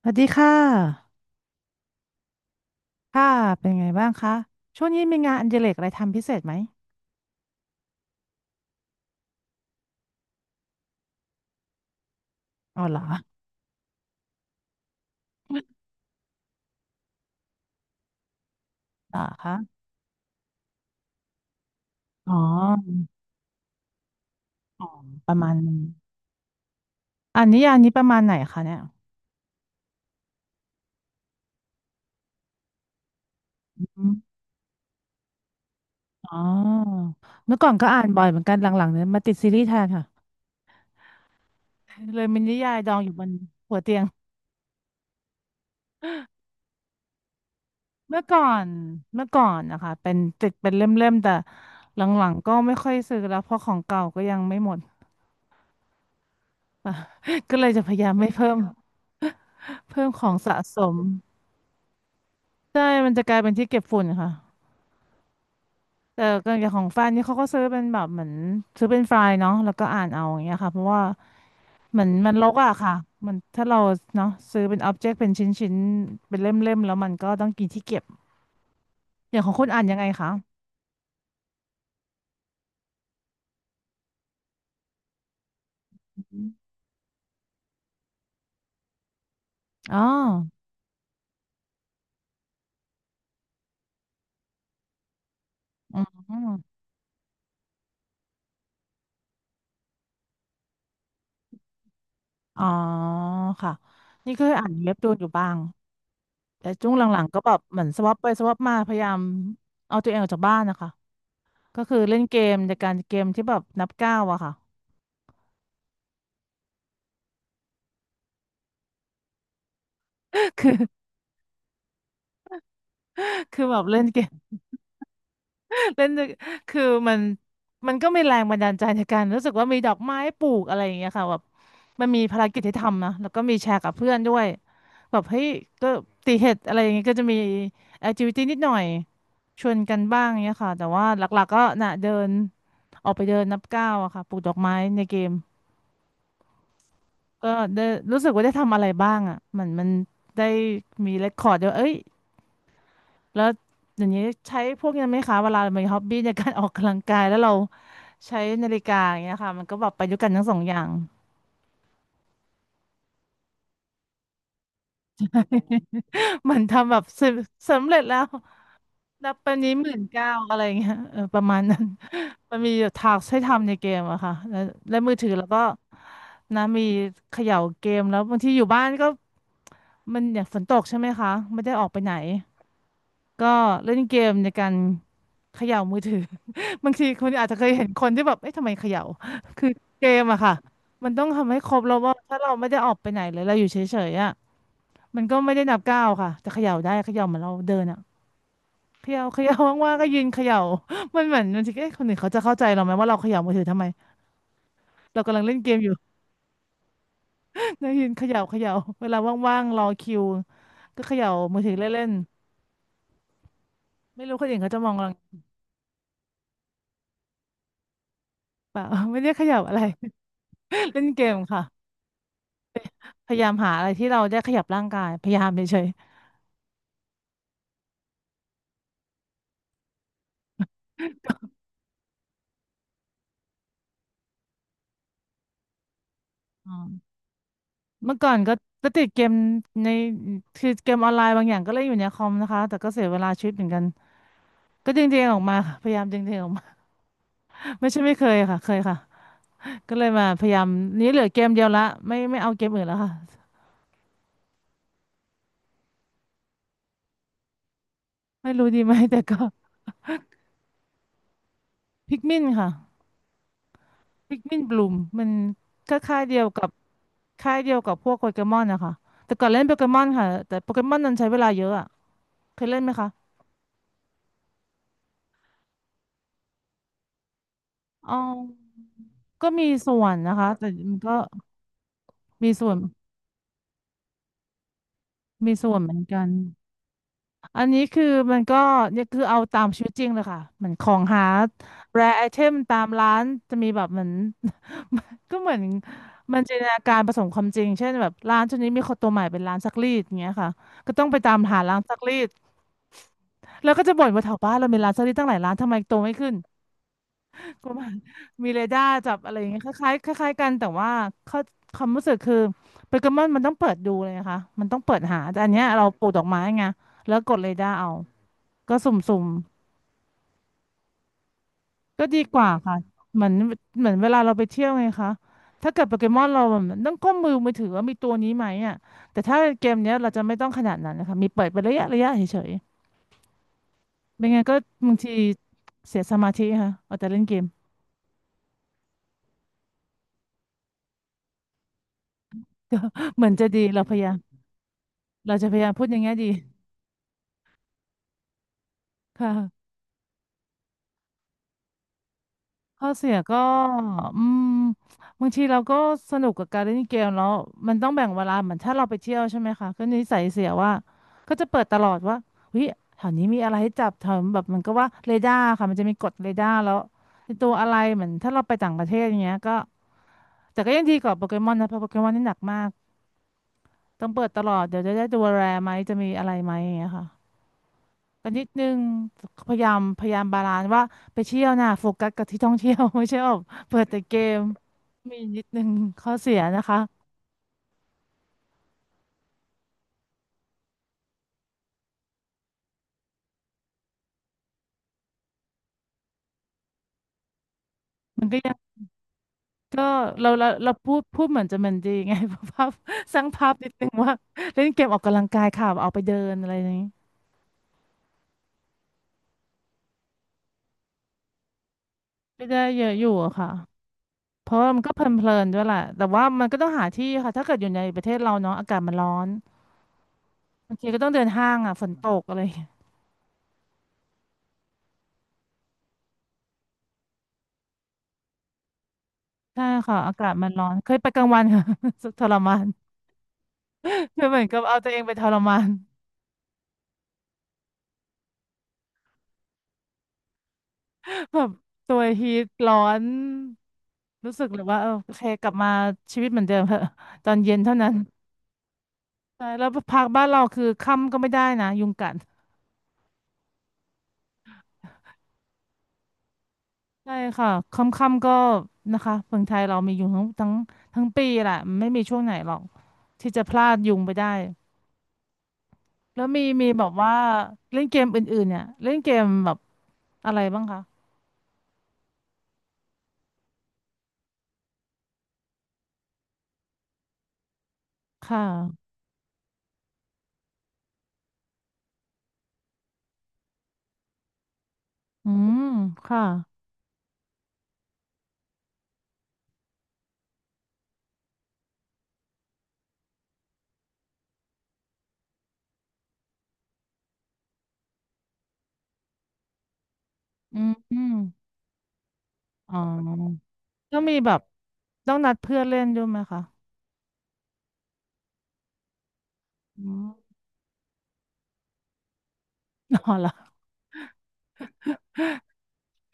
สวัสดีค่ะ ค่ะ เป็นไงบ้างคะช่วงนี้มีงานอดิเรกอะไรทำพิเศษไหมอ๋อเหรอเหรอคะอ๋ออ๋อประมาณนึงอันนี้ประมาณไหนคะเนี่ยอมอ๋อเมื่อก่อนก็อ่านบ่อยเหมือนกันหลังๆเนี่ยมาติดซีรีส์แทนค่ะ เลยมีนิยายดองอยู่บนหัวเตียงเมื่อก่อน เมื่อก่อนนะคะเป็นติดเป็นเล่มๆแต่หลังๆก็ไม่ค่อยซื้อแล้วเพราะของเก่าก็ยังไม่หมด ก็เลยจะพยายามไม่เพิ่ม เพิ่มของสะสม ใช่มันจะกลายเป็นที่เก็บฝุ่นค่ะแต่ก็อย่างของแฟนนี่เขาก็ซื้อเป็นแบบเหมือนซื้อเป็นไฟล์เนาะแล้วก็อ่านเอาอย่างเงี้ยค่ะเพราะว่าเหมือนมันรกอะค่ะถ้าเราเนาะซื้อเป็นอ็อบเจกต์เป็นชิ้นชิ้นเป็นเล่มเล่มแล้วมันก็ต้องกินที่เก็บอย่างของคุณอ่านยังไงคะอ๋ออืมอ๋อค่ะนี่ก็เคยอ่านเว็บตูนอยู่บ้างแต่ช่วงหลังๆก็แบบเหมือนสวอปไปสวอปมาพยายามเอาตัวเองออกจากบ้านนะคะก็คือเล่นเกมในการเกมที่แบบนับก้าวอะค่ะ คือ คือแบบเล่นเกม เล่นด้วยคือมันก็มีแรงบันดาลใจในการรู้สึกว่ามีดอกไม้ปลูกอะไรอย่างเงี้ยค่ะแบบมันมีภารกิจที่ทำนะแล้วก็มีแชร์กับเพื่อนด้วยแบบเฮ้ยก็ตีเห็ดอะไรอย่างเงี้ยก็จะมีแอคทิวิตี้นิดหน่อยชวนกันบ้างเงี้ยค่ะแต่ว่าหลักๆก็น่ะเดินออกไปเดินนับก้าวอะค่ะปลูกดอกไม้ในเกมก็ได้รู้สึกว่าได้ทำอะไรบ้างอะมันได้มีเรคคอร์ดด้วยเอ้ย แล้วอย่างนี้ใช้พวกนี้ไหมคะเวลามีฮ็อบบี้ในการออกกำลังกายแล้วเราใช้นาฬิกาอย่างเงี้ยค่ะมันก็แบบประยุกต์กันทั้งสองอย่าง มันทำแบบสำเร็จแล้วรับไปนี้หมื่นเก้าอะไรเงี้ยเออประมาณนั้น มันมีทาสให้ทำในเกมอะค่ะแล้วแล้วมือถือแล้วก็นะมีเขย่าเกมแล้วบางทีอยู่บ้านก็มันอย่างฝนตกใช่ไหมคะไม่ได้ออกไปไหน ก็เล่นเกมในการเขย่ามือถือ บางทีคุณอาจจะเคยเห็นคนที่แบบเอ๊ะทำไมเขย่า คือเกมอะค่ะมันต้องทำให้ครบแล้วว่าถ้าเราไม่ได้ออกไปไหนเลยเราอยู่เฉยๆอะมันก็ไม่ได้นับก้าวค่ะจะเขย่าได้เขย่าเหมือนเราเดินอะเขย่าเขย่าว่างๆก็ยืนเขย่ามันเหมือนบางทีเอ๊ะคนอื่นเขาจะเข้าใจเราไหมว่าเราเขย่ามือถือทำไมเรากำลังเล่นเกมอยู่ นะยืนเขย่าเขย่าเวลาว่างๆรอคิวก็เขย่ามือถือเล่นๆไม่รู้คนอื่นเขาจะมองเราหรือเปล่า ไม่ได้เขย่าอะไร เล่นเกมค่ะ พยายามหาอะไรที่เราได้ขยับร่างกายพยายามเฉยๆอืมเมื่อก่อนก็ก็ติดเกมในคือเกมออนไลน์บางอย่างก็เล่นอยู่ในคอมนะคะแต่ก็เสียเวลาชีวิตเหมือนกันก็ดึงตัวเองออกมาค่ะพยายามดึงตัวเองออกมา ไม่ใช่ไม่เคยค่ะเคยค่ะก็เลยมาพยายามนี้เหลือเกมเดียวละไม่เอาเกมอื่นแล้วค่ะไม่รู้ดีไหม แต่ก็พิกมินค่ะพิกมินบลูมมันก็ค่ายเดียวกับค่ายเดียวกับพวกโปเกมอนนะคะแต่ก่อนเล่นโปเกมอนค่ะแต่โปเกมอนนั้นใช้เวลาเยอะอะเคยเล่นไหมคะอ๋อ ก็มีส่วนนะคะแต่มันก็มีส่วนมีส่วนเหมือนกันอันนี้คือมันก็เนี่ยคือเอาตามชีวิตจริงเลยค่ะเหมือนของหาแรไอเทมตามร้านจะมีแบบเหมือน ก็เหมือนมันจินตนาการผสมความจริงเช่นแบบร้านช่วนี้มีคนตัวใหม่เป็นร้านซักรีดอย่างเงี้ยค่ะก็ต้องไปตามหาร้านซักรีดแล้วก็จะบ่นว่าแถวบ้านเรามีร้านซักรีดตั้งหลายร้านทำไมโตไม่ขึ้น ประมาณ มีเรดาร์จับอะไรอย่างเงี้ยคล้ายๆคล้ายๆกันแต่ว่าเขาความรู้สึกคือโปเกมอนมันต้องเปิดดูเลยนะคะมันต้องเปิดหาแต่อันเนี้ยเราปลูกดอกไม้ไงแล้วกดเรดาร์เอาก็สุ่มๆก็ดีกว่าค่ะเหมือนเหมือนเวลาเราไปเที่ยวไงคะถ้าเกิดโปเกมอนเราแบบต้องก้มมือถือว่ามีตัวนี้ไหมอ่ะแต่ถ้าเกมเนี้ยเราจะไม่ต้องขนาดนั้นนะคะมีเปิดเป็นระยะระยะเฉยๆไม่งั้นก็บางทีเสียสมาธิค่ะเอาแต่เล่นเกมเหมือนจะดีเราพยายามเราจะพยายามพูดอย่างเงี้ยดีค่ะ ข้อเสียก็อืมบางทีเราก็สนุกกับการเล่นเกมแล้วมันต้องแบ่งเวลาเหมือนถ้าเราไปเที่ยวใช่ไหมคะก็นิสัยเสียว่าก็จะเปิดตลอดว่าเฮ้ยแถวนี้มีอะไรให้จับแถวแบบมันก็ว่าเรดาร์ค่ะมันจะมีกดเรดาร์แล้วไอ้ตัวอะไรเหมือนถ้าเราไปต่างประเทศอย่างเงี้ยก็แต่ก็ยังดีกว่าโปเกมอนนะเพราะโปเกมอนนี่หนักมากต้องเปิดตลอดเดี๋ยวจะได้ตัวแรร์ไหมจะมีอะไรไหมอย่างเงี้ยค่ะ กันนิดนึงพยายามบาลานซ์ว่าไปเที่ยวน่ะโฟกัสกับที่ท่องเที่ยว ไม่ใช่แบบเปิดแต่เกมมีนิดนึงข้อเสียนะคะมันก็ยังก็เราพูดเหมือนจะเหมันดีไง ภาพสร้างภาพนิดนึงว่าเล่นเกมออกกำลังกายค่ะเอาไปเดินอะไรอย่างนี้ก็ได้เยอะอยู่อะค่ะเพราะว่ามันก็เพลินๆด้วยแหละแต่ว่ามันก็ต้องหาที่ค่ะถ้าเกิดอยู่ในประเทศเราเนาะอากาศมันร้อนบางทีก็ต้องเดินห้างอ่ะฝนตกอะไรอย่างเงี้ยใช่ค่ะอากาศมันร้อนเคยไปกลางวันค่ะ ทรมาน คือเหมือนกับเอาตัวเองไปทรมาน แบบตัวฮีทร้อนรู้สึกเลยว่าเออโอเคกลับมาชีวิตเหมือนเดิมเถอะตอนเย็นเท่านั้นใช่แล้วพักบ้านเราคือค่ำก็ไม่ได้นะยุงกัดใช่ค่ะค่ำๆก็นะคะเมืองไทยเรามียุงทั้งปีแหละไม่มีช่วงไหนหรอกที่จะพลาดยุงไปได้แล้วมีแบบว่าเล่นเกมอื่นๆเนี่ยเล่นเกมแบบอะไรบ้างคะค่ะอืมค่ะอืม อ๋อต้องมีแบบต้องนัดเพื่อนเล่นด้วยไหมคะอืมอ๋อเหรอ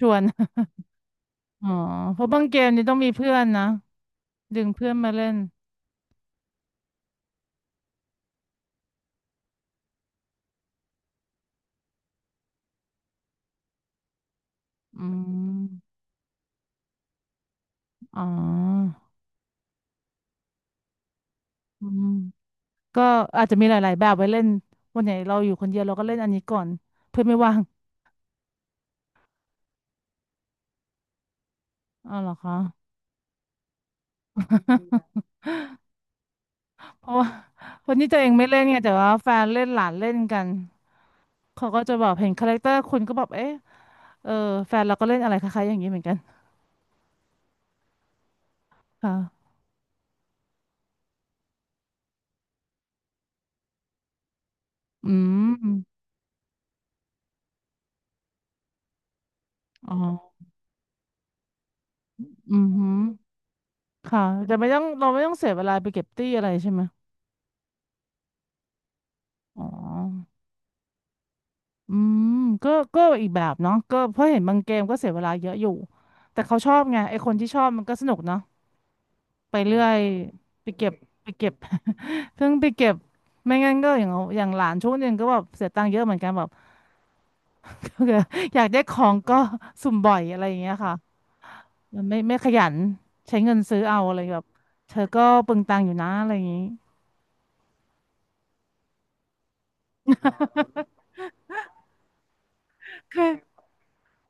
ชวนอ๋อเพราะบางเกมนี่ต้องมีเพื่อนนะดึงเพื่อนมาเล่นอืมอ๋ออืมก็อาจจะมีหลายๆแบบไว้เล่นวันไหนเราอยู่คนเดียวเราก็เล่นอันนี้ก่อนเพื่อนไม่ว่างอ๋อเหรอคะ เพราะว่าคนที่ตัวเองไม่เล่นไงแต่ว่าแฟนเล่นหลานเล่นกันเขาก็จะแบบเห็นคาแรคเตอร์คุณก็แบบเอ๊ะเออแฟนเราก็เล่นอะไรคล้ายๆอย่างนี้เหมือนกันค่ะอืม อ๋ออือหือค่ะแต่ไม่ต้องเราไม่ต้องเสียเวลาไปเก็บตี้อะไรใช่ไหมอ๋ออืมก็ก็อีกแบบเนาะก็เพราะเห็นบางเกมก็เสียเวลาเยอะอยู่แต่เขาชอบไงไอคนที่ชอบมันก็สนุกเนาะไปเรื่อยไปเก็บไปเก็บ เพิ่งไปเก็บไม่งั้นก็อย่างเอาอย่างหลานช่วงหนึงก็แบบเสียตังค์เยอะเหมือนกันแบบ อยากได้ของก็สุ่มบ่อยอะไรอย่างเงี้ยค่ะมันไม่ขยันใช้เงินซื้อเอาอะไรแบบเธอก็เปลืองตังค์อยู่นะอะไรอย่างงี้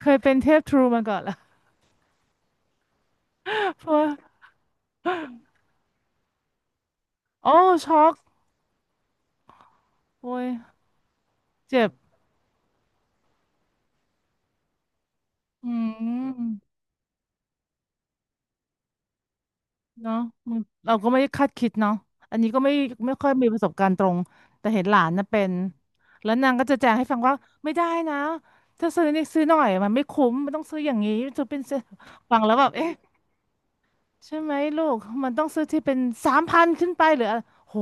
เคยเป็นเทพทรูมาก่อนละ เพราะว่าโอ้ช็อกโอ้ยเจ็บอืมเนาะมันเราก็ไม่ได้คาดคิดเนาะอันนี้ก็ไม่ไม่ค่อยมีประสบการณ์ตรงแต่เห็นหลานนะเป็นแล้วนางก็จะแจงให้ฟังว่าไม่ได้นะถ้าซื้อนี่ซื้อหน่อยมันไม่คุ้มมันต้องซื้ออย่างนี้จะเป็นเซฟังแล้วแบบเอ๊ะใช่ไหมลูกมันต้องซื้อที่เป็นสามพันขึ้นไปหรืออะไรโห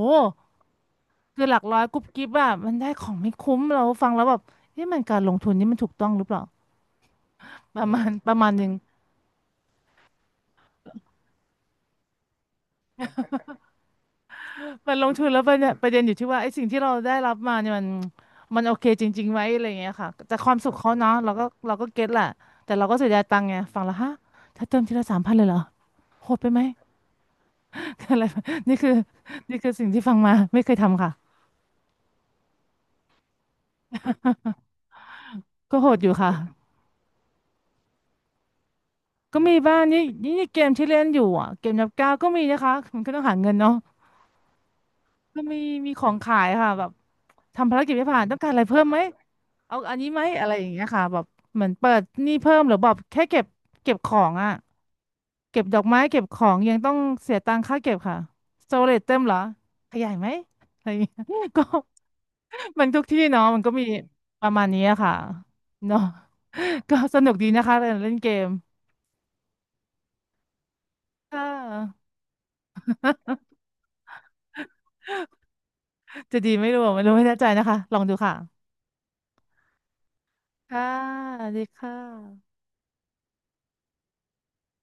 คือหลักร้อยกุ๊บกิ๊บอะมันได้ของไม่คุ้มเราฟังแล้วแบบนี่มันการลงทุนนี่มันถูกต้องหรือเปล่าประมาณหนึ่ง มันลงทุนแล้วประเด็นอยู่ที่ว่าไอ้สิ่งที่เราได้รับมาเนี่ยมันมันโอเคจริงๆไหมอะไรอย่างเงี้ยค่ะแต่ความสุขเขาเนาะเราก็เก็ตแหละแต่เราก็เสียดายตังค์ไงฟังแล้วฮะถ้าเติมทีละสามพันเลยเหรอโหดไปไหม อะไรแบบนี่คือสิ่งที่ฟังมาไม่เคยทำค่ะก็โหดอยู่ค่ะก็มีบ้างนี่เกมที่เล่นอยู่อ่ะเกมนับก้าวก็มีนะคะมันก็ต้องหาเงินเนาะก็มีมีของขายค่ะแบบทำภารกิจไม่ผ่านต้องการอะไรเพิ่มไหม เอาอันนี้ไหมอะไรอย่างเงี้ยค่ะแบบเหมือนเปิดหนี้เพิ่มหรือแบบแค่เก็บเก็บของอ่ะเก็บดอกไม้เก็บของยังต้องเสียตังค่าเก็บค่ะสโตเรจเต็มเหรอขยายไหมอะไรอย่างเงี้ย ก็มันทุกที่เนาะมันก็มีประมาณนี้อะค่ะเนาะ ก็สนุกดีนะคะการเล่นเกมค่ะ จะดีไม่รู้อะไม่รู้ไม่แน่ใจนะคะลองดูค่ะค่ะสวัสดีค่ะ